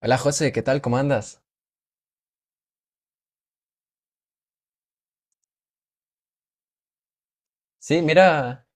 Hola José, ¿qué tal? ¿Cómo andas? Sí, mira,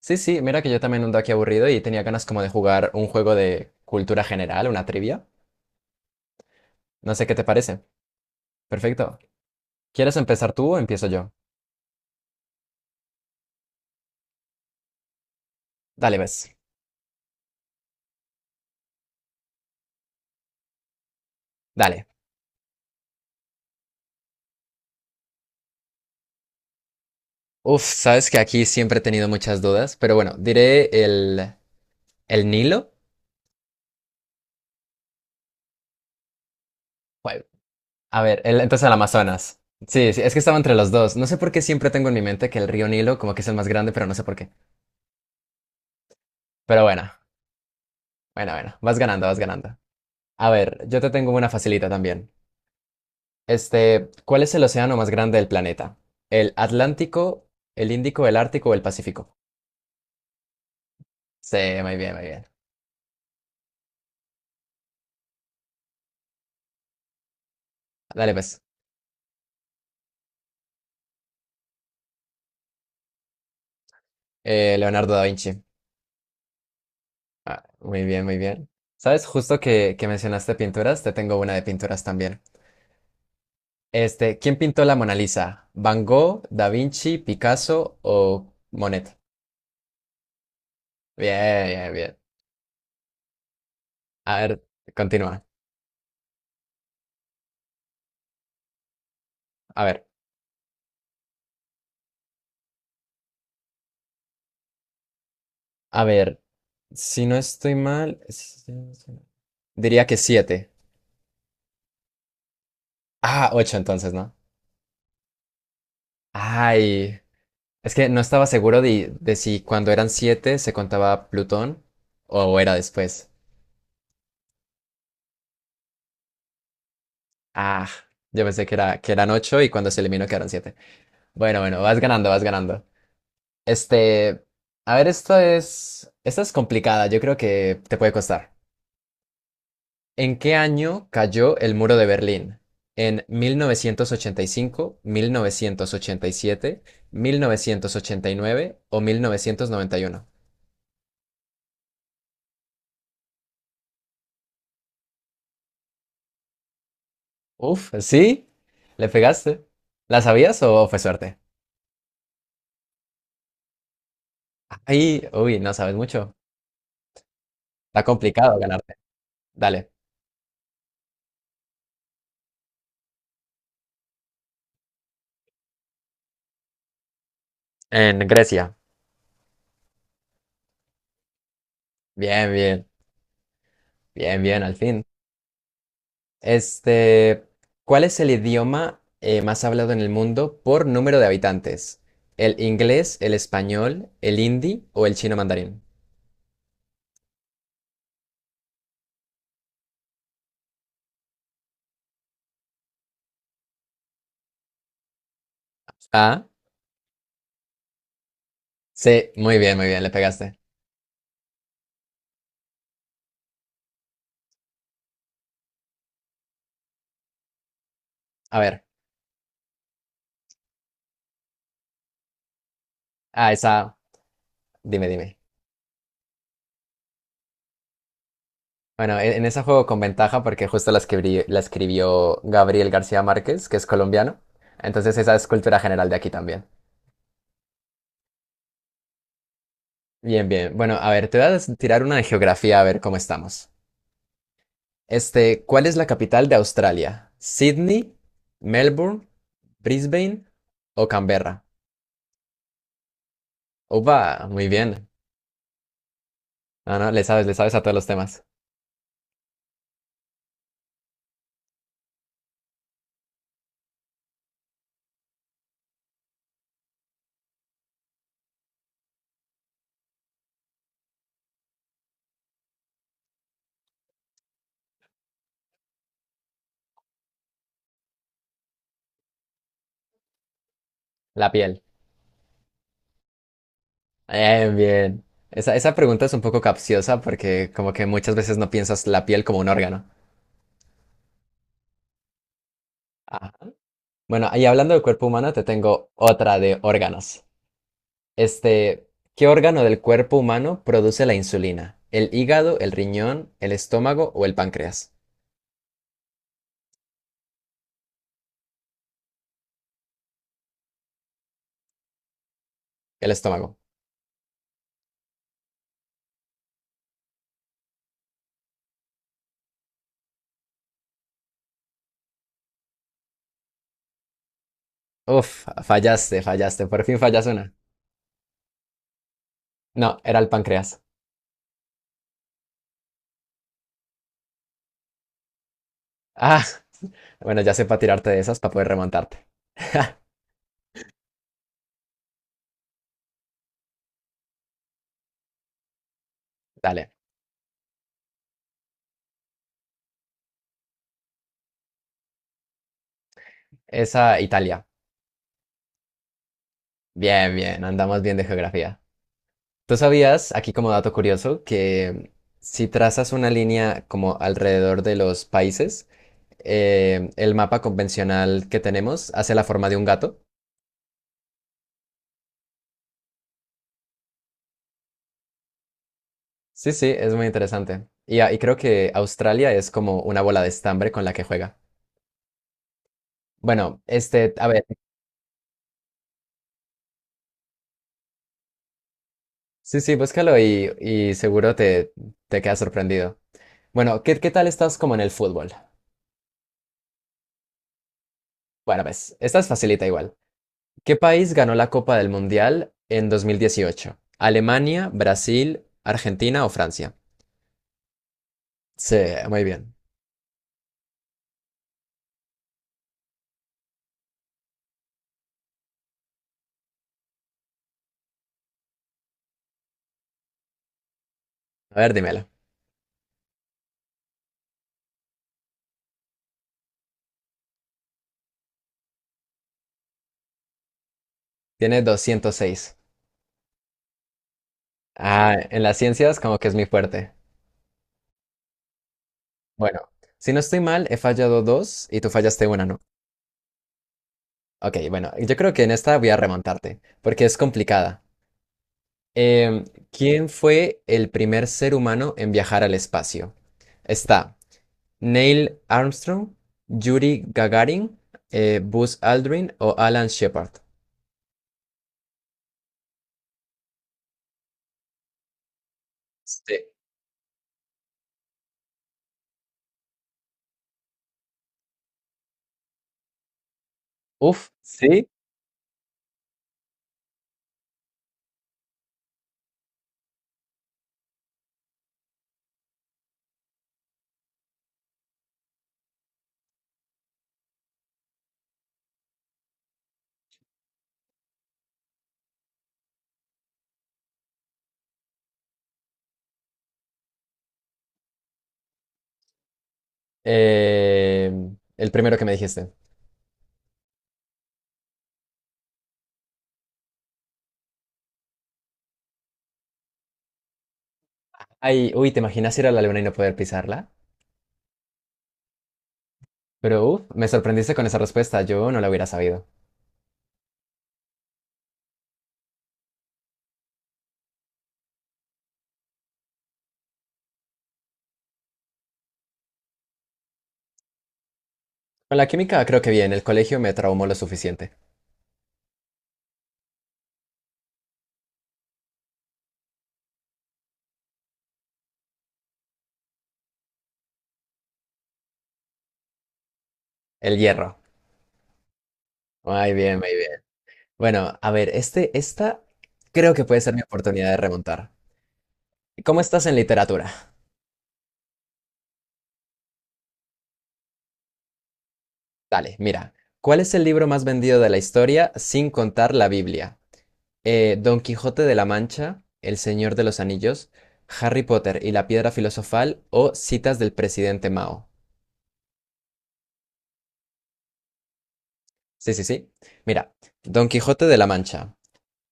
sí, sí, mira que yo también ando aquí aburrido y tenía ganas como de jugar un juego de cultura general, una trivia. No sé qué te parece. Perfecto. ¿Quieres empezar tú o empiezo yo? Dale, ves. Dale. Uf, sabes que aquí siempre he tenido muchas dudas, pero bueno, diré el Nilo. Jue- A ver, entonces el Amazonas. Sí, sí, es que estaba entre los dos. No sé por qué siempre tengo en mi mente que el río Nilo como que es el más grande, pero no sé por qué. Pero bueno, bueno, bueno, vas ganando, vas ganando. A ver, yo te tengo una facilita también. Este, ¿cuál es el océano más grande del planeta? ¿El Atlántico, el Índico, el Ártico o el Pacífico? Sí, muy bien, muy bien. Dale, pues. Leonardo da Vinci. Ah, muy bien, muy bien. ¿Sabes? Justo que mencionaste pinturas, te tengo una de pinturas también. Este, ¿quién pintó la Mona Lisa? ¿Van Gogh, Da Vinci, Picasso o Monet? Bien, bien, bien. A ver, continúa. A ver, a ver, si no estoy mal, si no estoy mal, diría que siete. Ah, ocho entonces, ¿no? Ay, es que no estaba seguro de si cuando eran siete se contaba Plutón o era después. Ah, yo pensé que eran ocho y cuando se eliminó quedaron siete. Bueno, bueno, vas ganando, vas ganando. Este, a ver, esta es complicada, yo creo que te puede costar. ¿En qué año cayó el muro de Berlín? ¿En mil novecientos ochenta y cinco, siete, 1989 o 1991? Uf, sí, le pegaste. ¿La sabías o fue suerte? Ay, uy, no sabes mucho. Está complicado ganarte. Dale. En Grecia. Bien, bien, bien, bien, al fin. Este, ¿cuál es el idioma más hablado en el mundo por número de habitantes? ¿El inglés, el español, el hindi o el chino mandarín? Ah, sí, muy bien, le pegaste. A ver, ah, esa, dime, dime. Bueno, en ese juego con ventaja porque justo la escribió Gabriel García Márquez, que es colombiano. Entonces esa es cultura general de aquí también. Bien, bien. Bueno, a ver, te voy a tirar una de geografía a ver cómo estamos. Este, ¿cuál es la capital de Australia? ¿Sydney, Melbourne, Brisbane o Canberra? Opa, muy bien. No, no, le sabes a todos los temas. La piel. Bien, bien. Esa pregunta es un poco capciosa porque como que muchas veces no piensas la piel como un órgano. Ah, bueno, ahí hablando del cuerpo humano, te tengo otra de órganos. Este, ¿qué órgano del cuerpo humano produce la insulina? ¿El hígado, el riñón, el estómago o el páncreas? El estómago. Uf, fallaste, fallaste. Por fin fallas una. No, era el páncreas. Ah, bueno, ya sé para tirarte de esas para poder remontarte. Dale. Esa Italia. Bien, bien, andamos bien de geografía. ¿Tú sabías, aquí como dato curioso, que si trazas una línea como alrededor de los países, el mapa convencional que tenemos hace la forma de un gato? Sí, sí, es muy interesante. Y, y creo que Australia es como una bola de estambre con la que juega. Bueno, este, a ver, sí, sí, búscalo y seguro te quedas sorprendido. Bueno, ¿qué tal estás como en el fútbol? Bueno, ves, esta es facilita igual. ¿Qué país ganó la Copa del Mundial en 2018? ¿Alemania, Brasil, Argentina o Francia? Sí, muy bien. A ver, dímelo. Tiene 206. Ah, en las ciencias como que es mi fuerte. Bueno, si no estoy mal, he fallado dos y tú fallaste una, ¿no? Ok, bueno, yo creo que en esta voy a remontarte, porque es complicada. Em, ¿Quién fue el primer ser humano en viajar al espacio? Está Neil Armstrong, Yuri Gagarin, Buzz Aldrin o Alan Shepard. Sí. Uf, sí. El primero que me dijiste. Ay, uy, ¿te imaginas ir a la luna y no poder pisarla? Pero uf, me sorprendiste con esa respuesta, yo no la hubiera sabido. Con la química creo que bien, el colegio me traumó lo suficiente. El hierro. Muy bien, muy bien. Bueno, a ver, este, esta creo que puede ser mi oportunidad de remontar. ¿Cómo estás en literatura? Dale, mira. ¿Cuál es el libro más vendido de la historia sin contar la Biblia? Don Quijote de la Mancha, El Señor de los Anillos, Harry Potter y la Piedra Filosofal o Citas del Presidente Mao? Sí, sí, sí. Mira, Don Quijote de la Mancha.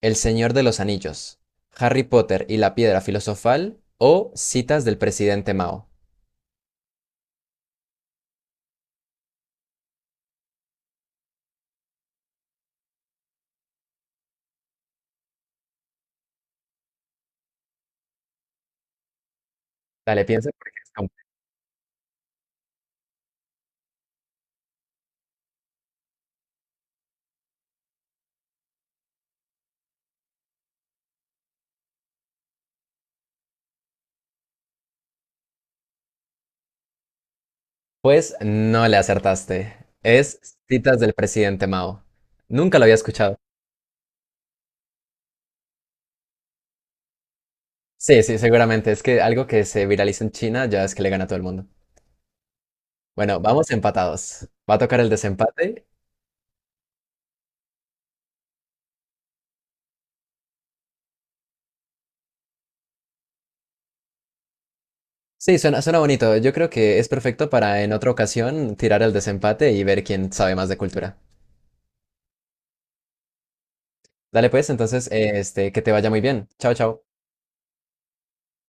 El Señor de los Anillos, Harry Potter y la Piedra Filosofal o Citas del Presidente Mao. Dale, piensa porque es complejo. Pues no le acertaste. Es Citas del Presidente Mao. Nunca lo había escuchado. Sí, sí, seguramente. Es que algo que se viraliza en China ya es que le gana a todo el mundo. Bueno, vamos empatados. ¿Va a tocar el desempate? Sí, suena, suena bonito. Yo creo que es perfecto para en otra ocasión tirar el desempate y ver quién sabe más de cultura. Dale pues, entonces, este, que te vaya muy bien. Chao, chao.